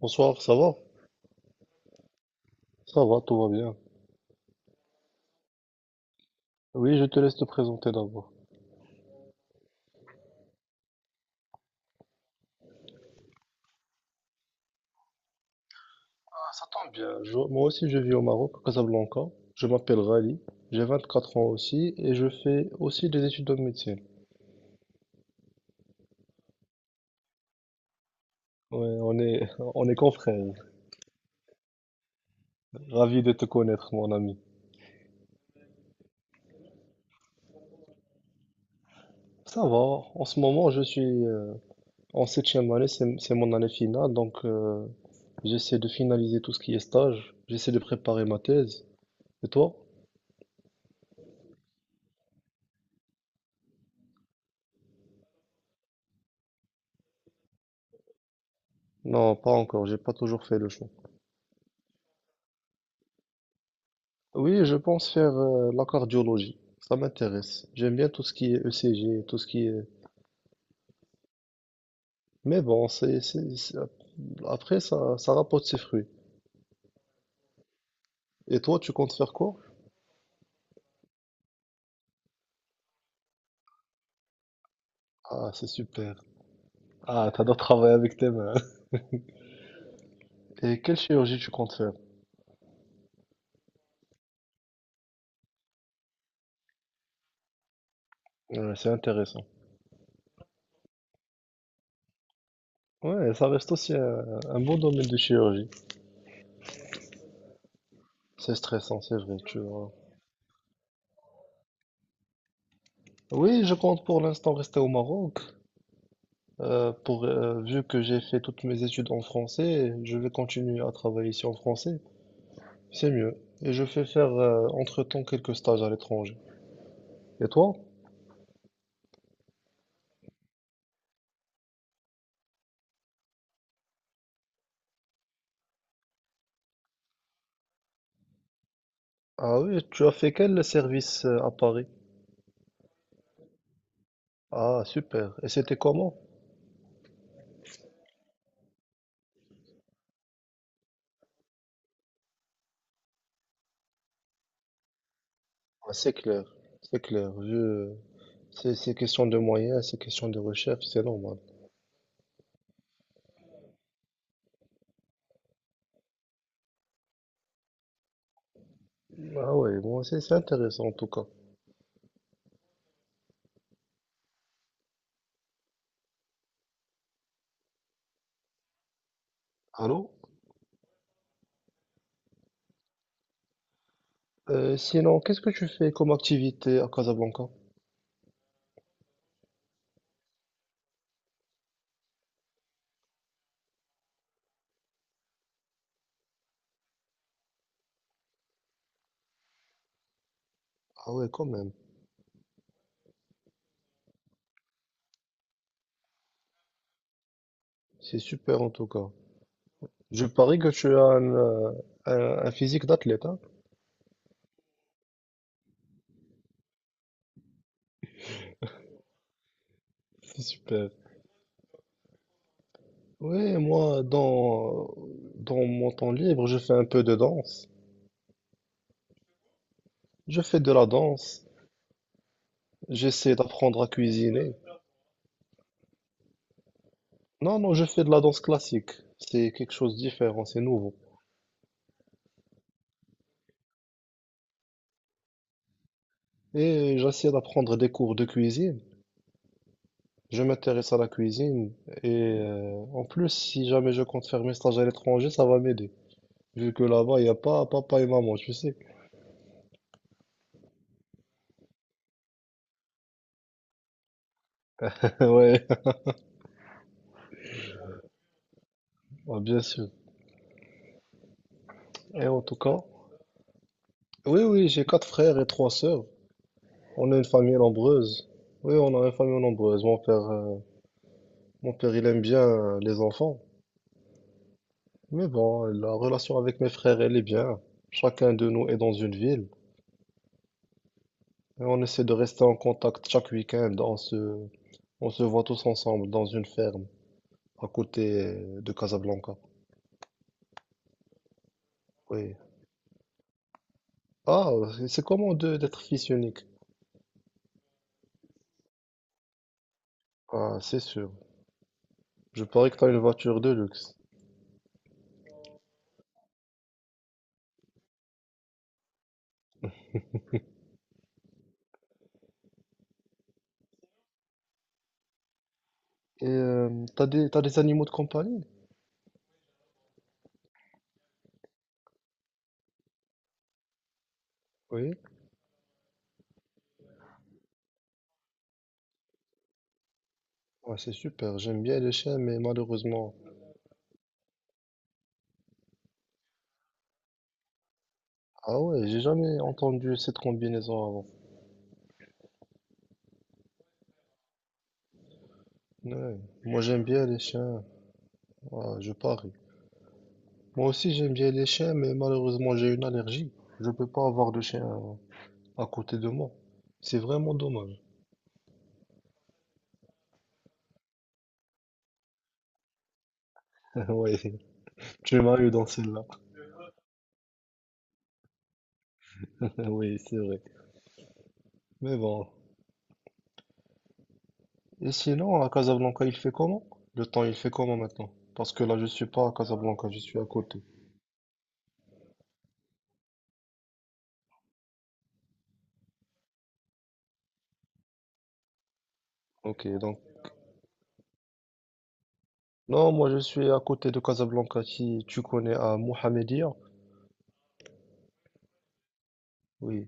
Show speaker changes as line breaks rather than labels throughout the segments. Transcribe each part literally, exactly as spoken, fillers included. Bonsoir, ça va? Ça va, tout va bien. Oui, je te laisse te présenter d'abord. Ah, ça tombe bien. Je- moi aussi, je vis au Maroc, à Casablanca. Je m'appelle Rally. J'ai vingt-quatre ans aussi et je fais aussi des études de médecine. Ouais, on est, on est confrères. Ravi de te connaître, mon ami. Ça va. En ce moment, je suis euh, en septième année. C'est, c'est mon année finale, donc euh, j'essaie de finaliser tout ce qui est stage. J'essaie de préparer ma thèse. Et toi? Non, pas encore. J'ai pas toujours fait le choix. Oui, je pense faire euh, la cardiologie. Ça m'intéresse. J'aime bien tout ce qui est E C G, tout ce qui est... Mais bon, c'est, c'est- c'est- après, ça, ça rapporte ses fruits. Et toi, tu comptes faire quoi? Ah, c'est super. Ah, t'adores travailler avec tes mains. Et quelle chirurgie tu comptes faire? Ouais, c'est intéressant. Ouais, ça reste aussi un, un bon domaine de chirurgie. C'est stressant, c'est vrai, tu vois. Oui, je compte pour l'instant rester au Maroc. Euh, pour, euh, vu que j'ai fait toutes mes études en français, je vais continuer à travailler ici en français. C'est mieux. Et je fais faire euh, entre-temps quelques stages à l'étranger. Et toi? Ah oui, tu as fait quel service euh, à Paris? Ah, super. Et c'était comment? Ah, c'est clair, c'est clair. Je... C'est c'est question de moyens, c'est question de recherche, c'est normal. Ah ouais, bon, c'est c'est intéressant en tout cas. Allô? Euh, sinon, qu'est-ce que tu fais comme activité à Casablanca? Ah ouais, quand même. C'est super en tout cas. Je parie que tu as un, euh, un- un physique d'athlète, hein? C'est super. Ouais, moi, dans, dans mon temps libre, je fais un peu de danse. Je fais de la danse. J'essaie d'apprendre à cuisiner. Non, non, je fais de la danse classique. C'est quelque chose de différent, c'est nouveau. Et j'essaie d'apprendre des cours de cuisine. Je m'intéresse à la cuisine. Et euh, en plus, si jamais je compte faire mes stages à l'étranger, ça va m'aider. Vu que là-bas, il n'y a pas papa et maman, tu sais. Ouais, ouais, bien sûr. Et en tout cas, oui, oui, j'ai quatre frères et trois sœurs. On a une famille nombreuse. Oui, on a une famille nombreuse. Mon père, euh, mon père, il aime bien euh, les enfants. Mais bon, la relation avec mes frères, elle est bien. Chacun de nous est dans une ville. Et on essaie de rester en contact chaque week-end. On se, on se voit tous ensemble dans une ferme à côté euh, de Casablanca. Oui. Ah, c'est comment de- d'être fils unique? Ah, c'est sûr. Je parie que t'as une voiture de luxe. Et euh, t'as des, t'as des animaux de compagnie? Oui. Ouais, c'est super. J'aime bien les chiens, mais malheureusement. Ah ouais, j'ai jamais entendu cette combinaison avant. Ouais. Moi j'aime bien les chiens. Ah, je parie. Moi aussi j'aime bien les chiens, mais malheureusement j'ai une allergie. Je peux pas avoir de chien à, à côté de moi. C'est vraiment dommage. Oui, tu m'as eu dans celle-là. Oui, c'est vrai. Mais bon. Et sinon, à Casablanca, il fait comment? Le temps, il fait comment maintenant? Parce que là, je suis pas à Casablanca, je suis à côté. Ok, donc. Non, moi je suis à côté de Casablanca, si tu connais à Mohamedia. Oui.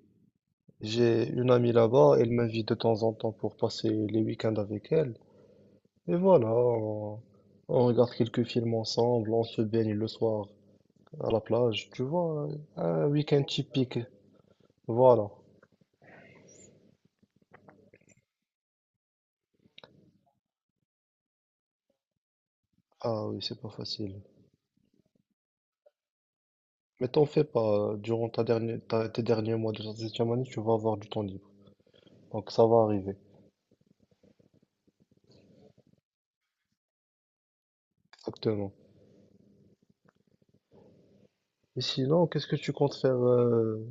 J'ai une amie là-bas, elle m'invite de temps en temps pour passer les week-ends avec elle. Et voilà, on, on regarde quelques films ensemble, on se baigne le soir à la plage. Tu vois, un week-end typique. Voilà. Ah oui, c'est pas facile. Mais t'en fais pas, durant ta dernière, ta- tes derniers mois de ta septième année, tu vas avoir du temps libre. Donc ça va arriver, exactement. Et sinon, qu'est-ce que tu comptes faire, euh,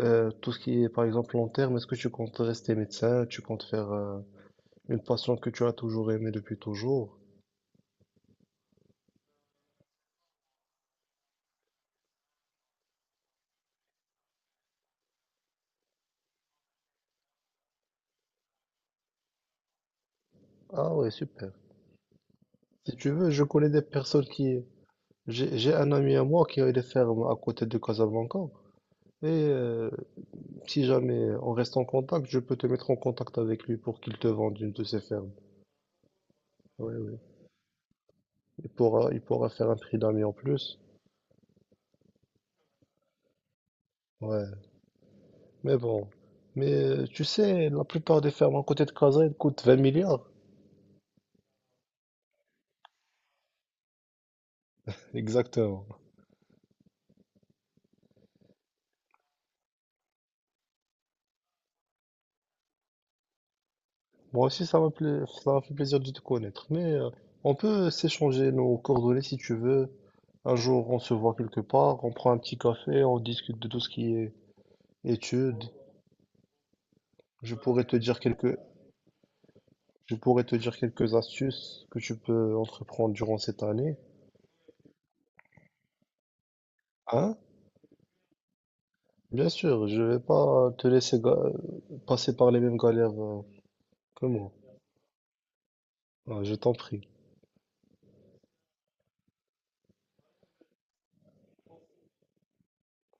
euh, tout ce qui est par exemple long terme, est-ce que tu comptes rester médecin, tu comptes faire... euh, Une passion que tu as toujours aimée depuis toujours? Ah ouais, super. Si tu veux, je connais des personnes qui... J'ai, j'ai un ami à moi qui a des fermes à côté de Casablanca. Et euh, si jamais on reste en contact, je peux te mettre en contact avec lui pour qu'il te vende une de ses fermes. Oui, oui. Il pourra, il pourra faire un prix d'ami en plus. Ouais, mais bon. Mais euh, tu sais, la plupart des fermes à côté de Casa, elles coûtent vingt milliards. Exactement. Moi aussi, ça m'a pla- ça m'a fait plaisir de te connaître. Mais euh, on peut s'échanger nos coordonnées si tu veux. Un jour, on se voit quelque part, on prend un petit café, on discute de tout ce qui est études. Je pourrais te dire quelques, je pourrais te dire quelques astuces que tu peux entreprendre durant cette année. Hein? Bien sûr, je vais pas te laisser ga- passer par les mêmes galères euh, que moi. Ah, je t'en prie.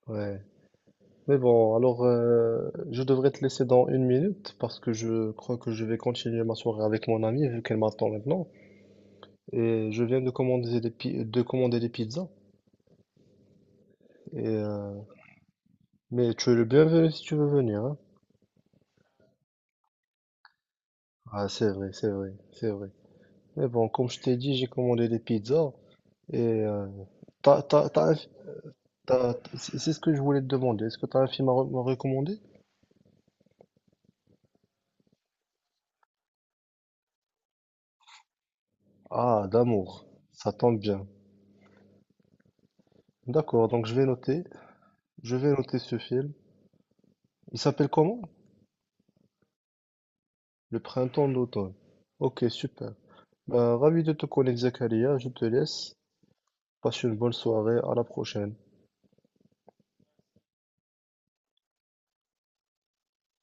Ouais. Mais bon, alors euh, je devrais te laisser dans une minute parce que je crois que je vais continuer ma soirée avec mon amie vu qu'elle m'attend maintenant. Et je viens de commander des, pi- de commander des pizzas. Et, euh, mais tu es le bienvenu si tu veux venir, hein. Ah, c'est vrai, c'est vrai, c'est vrai. Mais bon, comme je t'ai dit, j'ai commandé des pizzas. Et euh, t'as, t'as, t'as un fi- t'as- c'est c'est ce que je voulais te demander. Est-ce que tu as un film à re- me recommander? Ah, d'amour. Ça tombe bien. D'accord, donc je vais noter. Je vais noter ce film. Il s'appelle comment? Le printemps d'automne. Ok, super. Bah, ravi de te connaître, Zakaria. Je te laisse. Passe une bonne soirée. À la prochaine.